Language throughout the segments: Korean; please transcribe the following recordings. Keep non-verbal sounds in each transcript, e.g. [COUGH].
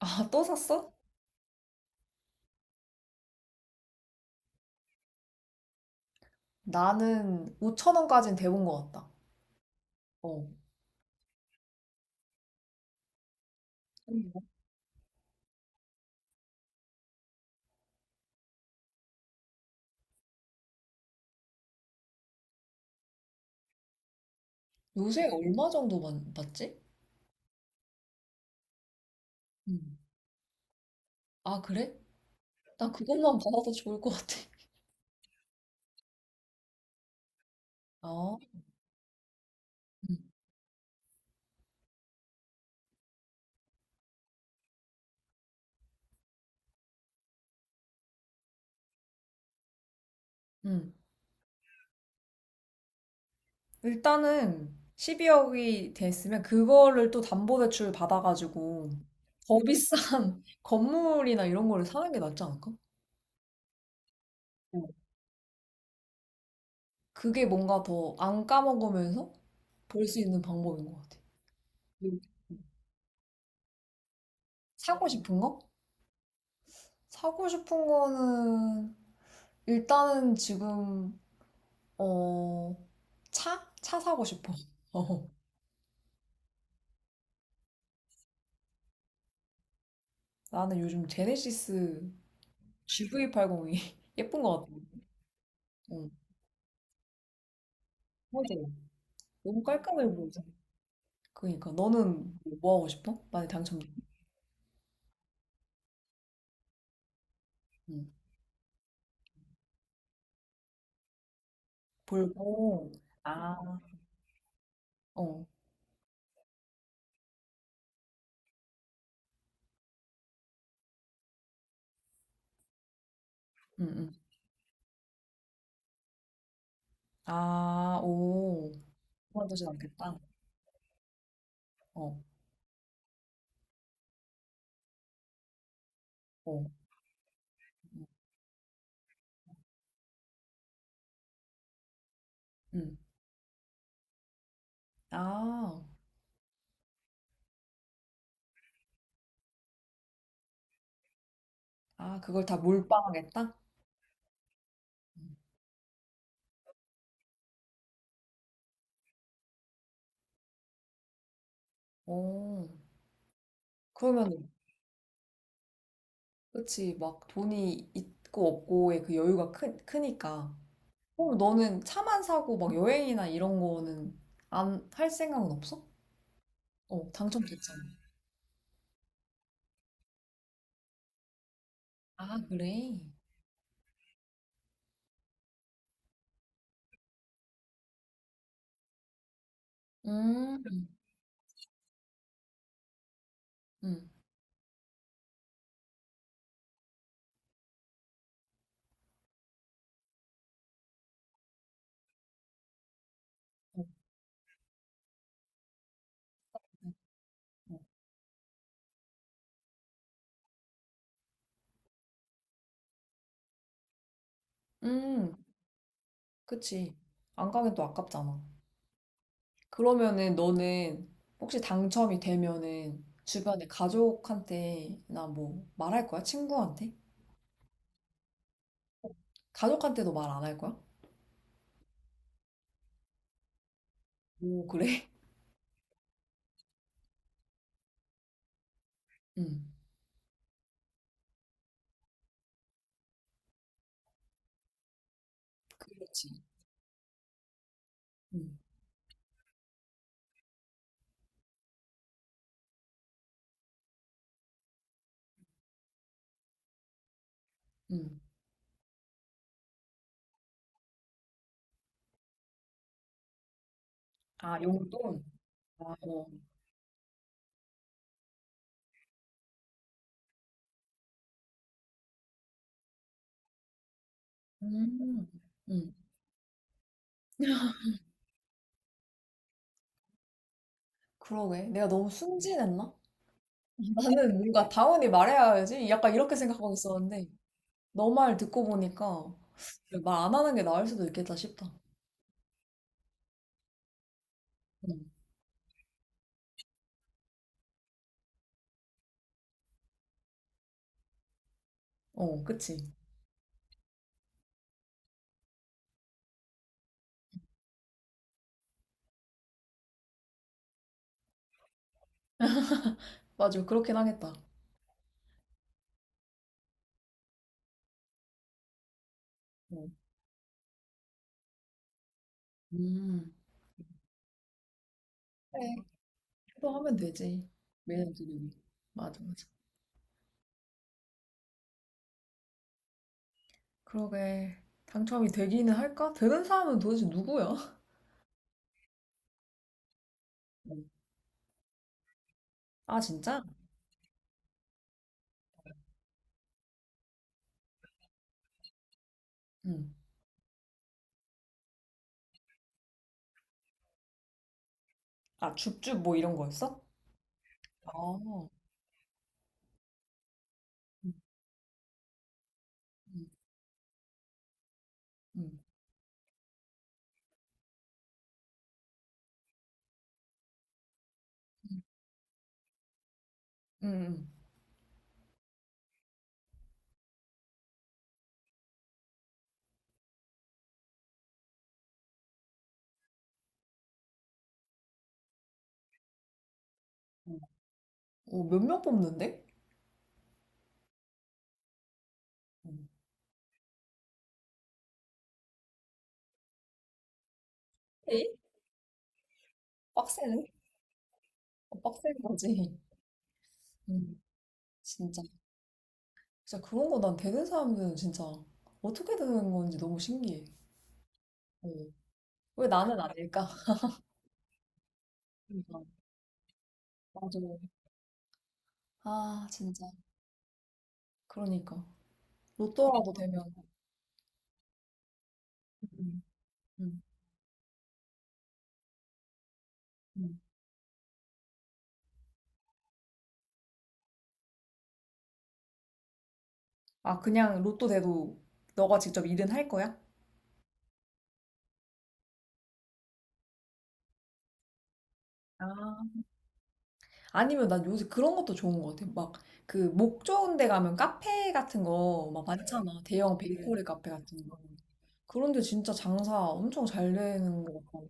아, 또 샀어? 나는 5천 원까진 돼본 것 같다. 어. 음. 요새 얼마 정도 받지? 음. 아, 그래? 나 그것만 받아도 좋을 것 같아. [LAUGHS] 어. 음. 음. 일단은 12억이 됐으면 그거를 또 담보대출 받아가지고 더 비싼 [LAUGHS] 건물이나 이런 거를 사는 게 낫지 않을까? 어. 그게 뭔가 더 안 까먹으면서 볼 수 있는 방법인 것 같아. 음. 사고 싶은 거? 사고 싶은 거는 일단은 지금 어 차? 차 사고 싶어. [LAUGHS] 어. 나는 요즘 제네시스 GV80이 [LAUGHS] 예쁜 것 같아. 어. 맞아. 너무 깔끔해 보이잖아. 그러니까 너는 뭐 하고 싶어? 만약 당첨되면? 응. 볼고. 아. 어. 응, 응. 아, 오. 그만두진 않겠다. 어. 어. 응. 응. 아. 아, 그걸 다 몰빵하겠다? 응. 오. 그러면 그치, 막 돈이 있고 없고의 그 여유가 크니까. 그럼 너는 차만 사고 막 여행이나 이런 거는 안 할 생각은 없어? 어, 당첨됐잖아. 아, 그래? 음, 음, 어, 어. 음, 그치. 안 가긴 또 아깝잖아. 그러면은 너는 혹시 당첨이 되면은 주변에 가족한테나 뭐 말할 거야? 친구한테? 가족한테도 말 안 할 거야? 오, 그래? [LAUGHS] 응, 그렇지. 응, 응. 아, 용돈? 아, 어. 음, 음. 그러게. 내가 너무 순진했나? [LAUGHS] 나는 뭔가 당연히 말해야지. 약간 이렇게 생각하고 있었는데, 너 말 듣고 보니까 말 안 하는 게 나을 수도 있겠다 싶다. 음. 어, 그치. 맞아. 그렇긴 하겠다. 어. 음. 그래. 기도하면 되지. 매년 드리기. 맞아, 맞아. 그러게. 당첨이 되기는 할까? 되는 사람은 도대체 누구야? [LAUGHS] 음. 아, 진짜? 응. 아, 줍줍 뭐 이런 거였어? 아, 음. 응 응 응 어, 몇명 뽑는데? 음. 에? 빡세네. 어, 빡센 거지. [LAUGHS] 응 진짜. 진짜 그런 거 난 되는 사람들은 진짜 어떻게 되는 건지 너무 신기해. 어. 왜 나는 안 될까? 그러니까. 맞아. 아, 진짜. 그러니까. 로또라도 되면. 응 응 응. 아, 그냥 로또 돼도 너가 직접 일은 할 거야? 아. 아니면 난 요새 그런 것도 좋은 것 같아. 막 그 목 좋은 데 가면 카페 같은 거 막 많잖아. 대형 베이커리 카페 같은 거. 그런데 진짜 장사 엄청 잘 되는 것 같고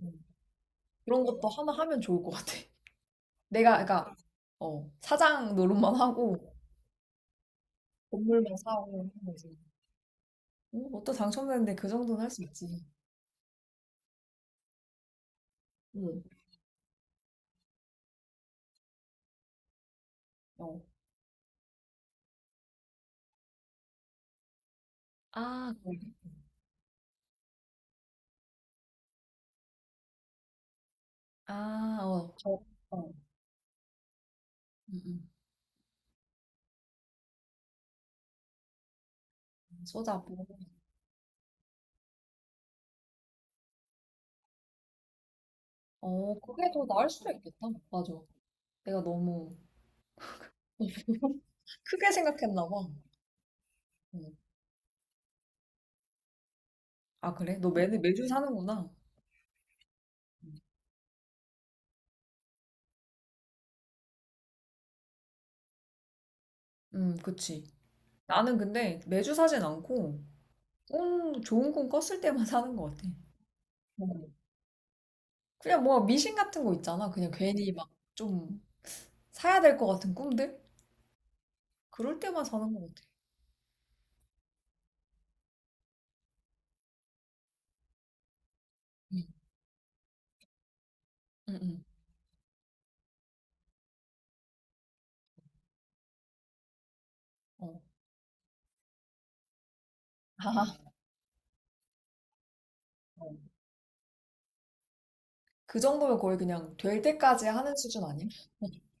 음, 그런 것도 하나 하면 좋을 것 같아. [LAUGHS] 내가 그러니까 어, 사장 노릇만 하고 건물만 사고 하는 거지. 어, 어떤 당첨됐는데 그 정도는 할 수 있지. 응. 어. 아, 그, 아, 어, 저, 어, 음, 음. 소자보. 어, 그게 더 나을 수도 있겠다. 맞아. 내가 너무 크게 생각했나 봐. 음. 아, 그래? 너 매주 사는구나. 음, 그치. 나는 근데 매주 사진 않고, 꿈, 좋은 꿈 꿨을 때만 [LAUGHS] 사는 것 같아. 음. 그냥 뭐 미신 같은 거 있잖아. 그냥 괜히 막 좀 사야 될 것 같은 꿈들? 그럴 때만 사는 것 같아. 응, 응, 응. 어. [LAUGHS] 어. 그 정도면 거의 그냥 될 때까지 하는 수준 아니야? [LAUGHS]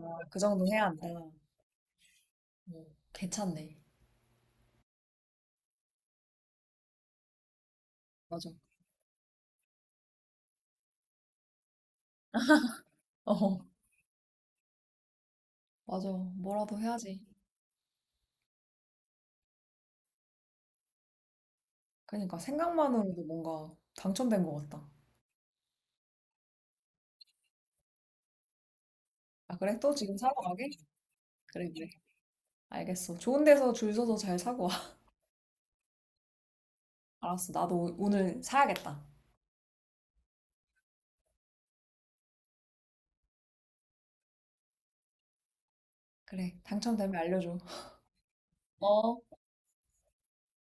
아, 그 정도 해야 한다. 어, 괜찮네. 맞아. 어, 맞아. 뭐라도 해야지. 그러니까 생각만으로도 뭔가 당첨된 것 같다. 아, 그래? 또 지금 사러 가게? 그래, 그래. 알겠어. 좋은 데서 줄 서서 잘 사고 와. [LAUGHS] 알았어. 나도 오늘 사야겠다. 그래. 당첨되면 알려줘. 어,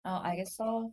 아, 알겠어.